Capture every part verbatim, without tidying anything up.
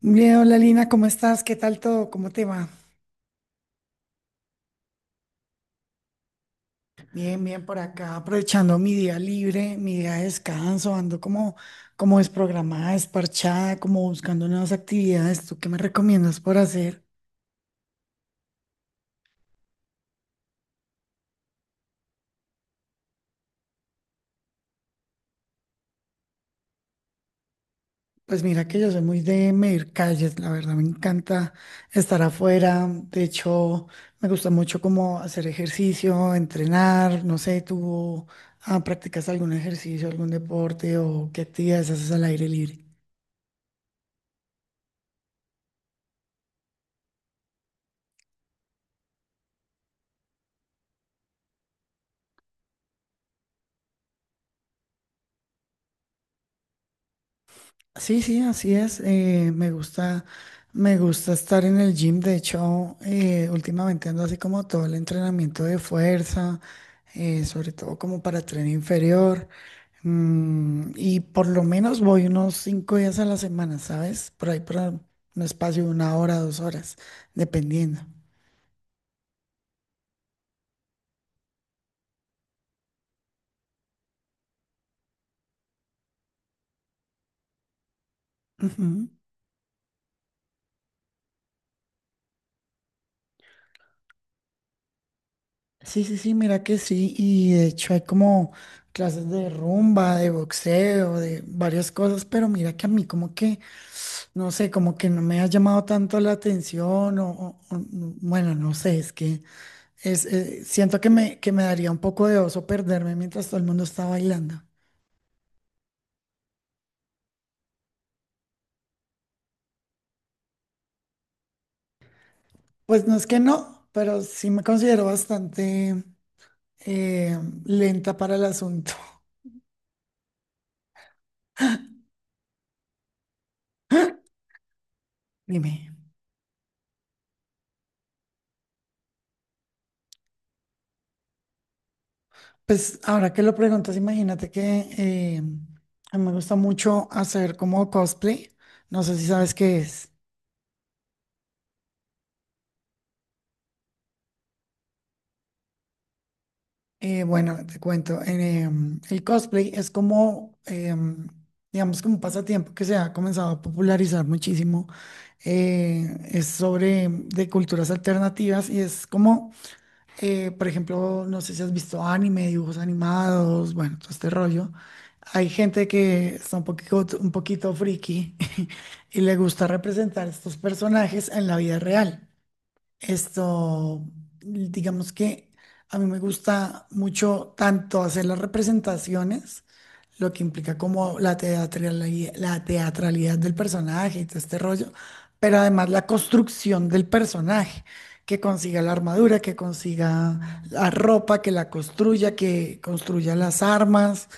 Bien, hola Lina, ¿cómo estás? ¿Qué tal todo? ¿Cómo te va? Bien, bien por acá, aprovechando mi día libre, mi día de descanso, ando como, como desprogramada, desparchada, como buscando nuevas actividades. ¿Tú qué me recomiendas por hacer? Pues mira que yo soy muy de medir calles, la verdad me encanta estar afuera. De hecho, me gusta mucho como hacer ejercicio, entrenar, no sé, ¿tú ah, practicas algún ejercicio, algún deporte o qué actividades haces al aire libre? Sí, sí, así es. Eh, me gusta, me gusta estar en el gym. De hecho, eh, últimamente ando así como todo el entrenamiento de fuerza, eh, sobre todo como para tren inferior. Mm, y por lo menos voy unos cinco días a la semana, ¿sabes? Por ahí para un espacio de una hora, dos horas, dependiendo. Ujú. Sí, sí, sí, mira que sí, y de hecho hay como clases de rumba, de boxeo, de varias cosas, pero mira que a mí como que no sé, como que no me ha llamado tanto la atención o, o- o no- bueno, no sé, es que es, eh, siento que me, que me daría un poco de oso perderme mientras todo el mundo está bailando. Pues no es que no, pero sí me considero bastante eh, lenta para el asunto. Dime. Pues ahora que lo preguntas, imagínate que eh, a mí me gusta mucho hacer como cosplay. No sé si sabes qué es. Eh, bueno, te cuento, en, em, el cosplay es como, em, digamos, como un pasatiempo que se ha comenzado a popularizar muchísimo. Eh, es sobre em, de culturas alternativas y es como, eh, por ejemplo, no sé si has visto anime, dibujos animados, bueno, todo este rollo. Hay gente que está un poquito, un poquito friki y le gusta representar estos personajes en la vida real. Esto, digamos que a mí me gusta mucho tanto hacer las representaciones, lo que implica como la teatralidad, la teatralidad del personaje y todo este rollo, pero además la construcción del personaje, que consiga la armadura, que consiga la ropa, que la construya, que construya las armas.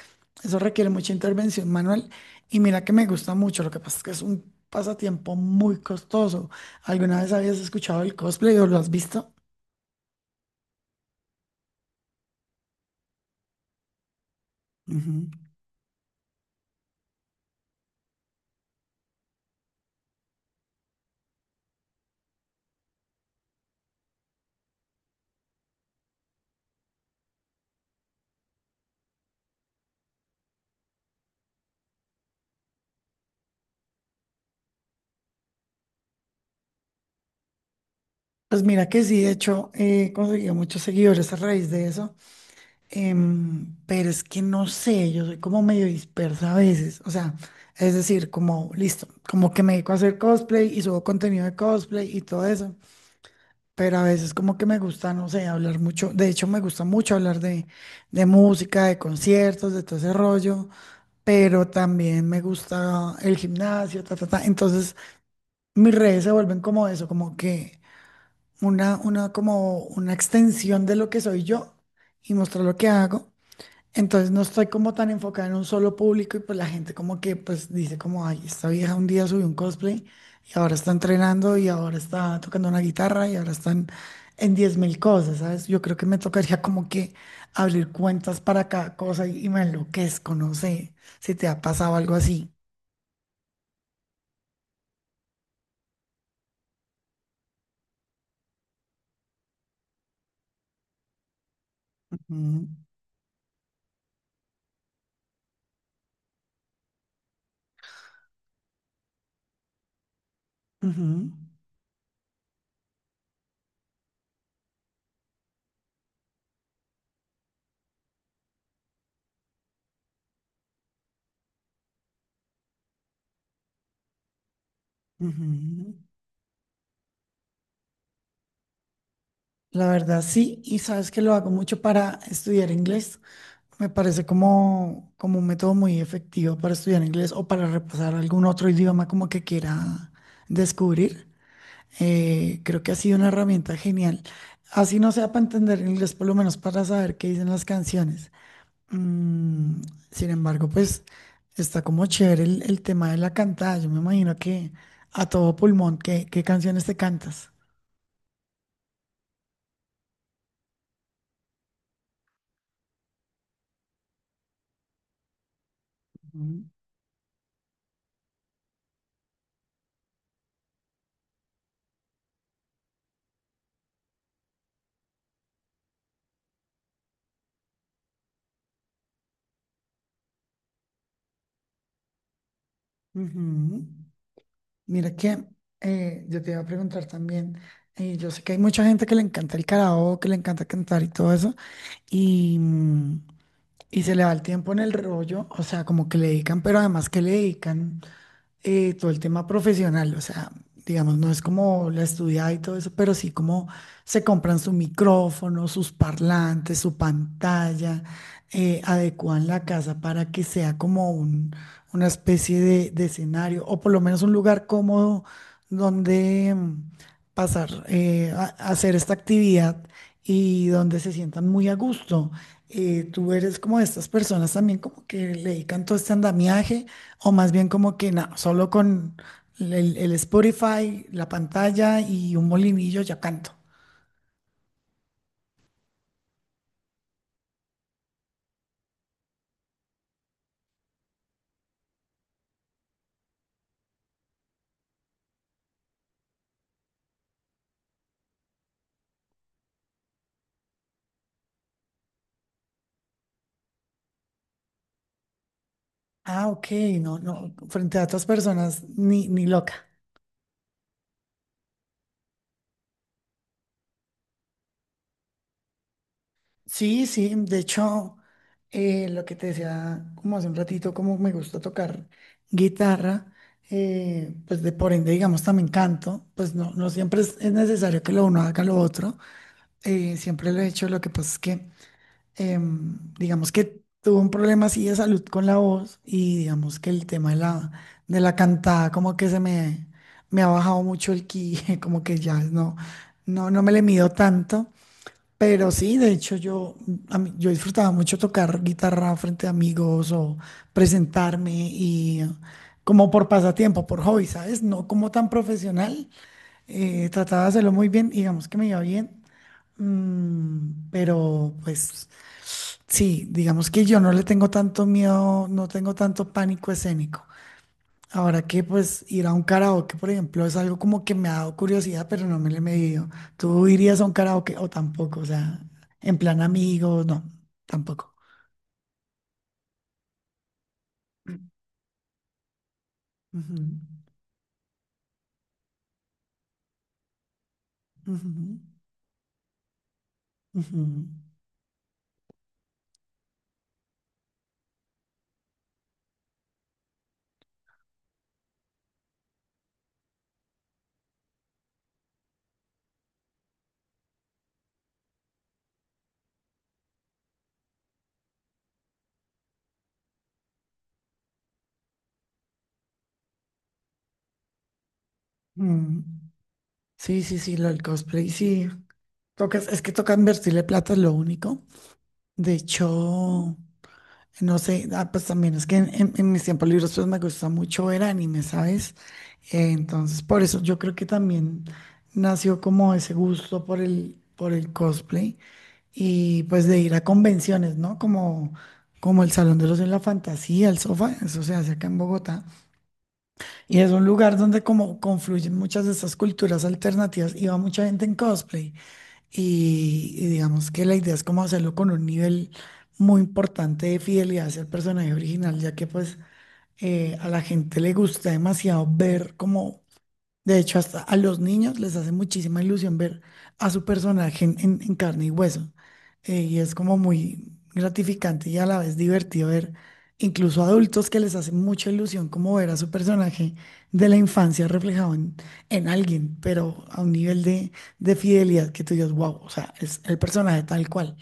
Eso requiere mucha intervención manual y mira que me gusta mucho, lo que pasa es que es un pasatiempo muy costoso. ¿Alguna vez habías escuchado el cosplay o lo has visto? Ujú. Pues mira que sí, de hecho, he conseguido muchos seguidores a raíz de eso, em, pero es que no sé, yo soy como medio dispersa a veces, o sea, es decir, como listo, como que me dedico a hacer cosplay y subo contenido de cosplay y todo eso, pero a veces como que me gusta, no sé, hablar mucho, de hecho me gusta mucho hablar de, de música, de conciertos, de todo ese rollo, pero también me gusta el gimnasio, ta, ta, ta, entonces mis redes se vuelven como eso, como que una, una, como una extensión de lo que soy yo y mostrar lo que hago. Entonces no estoy como tan enfocada en un solo público y pues la gente como que pues dice como, ay, esta vieja un día subió un cosplay y ahora está entrenando y ahora está tocando una guitarra y ahora están en diez mil cosas, ¿sabes? Yo creo que me tocaría como que abrir cuentas para cada cosa y, y me enloquezco, no sé si te ha pasado algo así. Ujú, ujú, ujú. La verdad sí, y sabes que lo hago mucho para estudiar inglés. Me parece como, como un método muy efectivo para estudiar inglés o para repasar algún otro idioma como que quiera descubrir. Eh, creo que ha sido una herramienta genial. Así no sea para entender inglés, por lo menos para saber qué dicen las canciones. Mm, sin embargo, pues está como chévere el, el tema de la cantada. Yo me imagino que a todo pulmón, ¿qué, qué canciones te cantas? Ujú. Ujú. Mira que eh, yo te iba a preguntar también, eh, yo sé que hay mucha gente que le encanta el karaoke, que le encanta cantar y todo eso, y, mm, y se le va el tiempo en el rollo, o sea, como que le dedican, pero además que le dedican eh, todo el tema profesional, o sea, digamos, no es como la estudiada y todo eso, pero sí como se compran su micrófono, sus parlantes, su pantalla, eh, adecúan la casa para que sea como un- una especie de, de escenario o por lo menos un lugar cómodo donde mm, pasar, eh, a, a hacer esta actividad y donde se sientan muy a gusto. Eh, tú eres como de estas personas también como que le dedican todo este andamiaje. O más bien como que no, solo con el, el Spotify, la pantalla y un molinillo ya canto. Ah, ok, no, no, frente a otras personas, ni, ni loca. Sí, sí, de hecho, eh, lo que te decía como hace un ratito, como me gusta tocar guitarra, eh, pues de por ende, digamos, también canto, pues no, no siempre es, es necesario que lo uno haga lo otro, eh, siempre lo he hecho, lo que pasa es que em, digamos que tuvo un problema así de salud con la voz y digamos que el tema de la, de la cantada como que se me, me ha bajado mucho el ki, como que ya no, no, no me le mido tanto. Pero sí, de hecho yo, a mí- yo disfrutaba mucho tocar guitarra frente a amigos o presentarme y como por pasatiempo, por hobby, ¿sabes? No como tan profesional. Eh, trataba de hacerlo muy bien, digamos que me iba bien, mm, pero pues sí, digamos que yo no le tengo tanto miedo, no tengo tanto pánico escénico. Ahora que pues ir a un karaoke, por ejemplo, es algo como que me ha dado curiosidad, pero no me le he medido. ¿Tú irías a un karaoke o tampoco? O sea, en plan amigos, no, tampoco. Ujú, ujú, ujú, mm. Sí, sí, sí, lo del cosplay, sí. Tocas, es que toca invertirle plata, es lo único. De hecho, no sé, ah, pues también es que en, en- en mis tiempos libres pues me gusta mucho ver anime, ¿sabes? Eh, entonces, por eso yo creo que también nació como ese gusto por el, por el cosplay y pues de ir a convenciones, ¿no? Como, como el Salón de los de la Fantasía, el Sofá, eso se hace acá en Bogotá. Y es un lugar donde como confluyen muchas de estas culturas alternativas y va mucha gente en cosplay y y digamos que la idea es como hacerlo con un nivel muy importante de fidelidad hacia el personaje original, ya que pues eh, a la gente le gusta demasiado ver como de hecho, hasta a los niños les hace muchísima ilusión ver a su personaje en, en- en carne y hueso. Eh, y es como muy gratificante y a la vez divertido ver incluso adultos que les hace mucha ilusión como ver a su personaje de la infancia reflejado en, en alguien, pero a un nivel de, de fidelidad que tú dices, wow, o sea, es el personaje tal cual.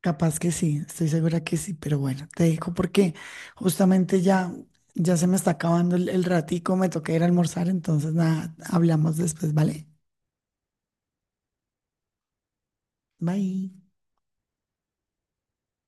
Capaz que sí, estoy segura que sí, pero bueno, te digo porque justamente ya, ya se me está acabando el, el ratico, me toca ir a almorzar, entonces nada, hablamos después, ¿vale? Bye.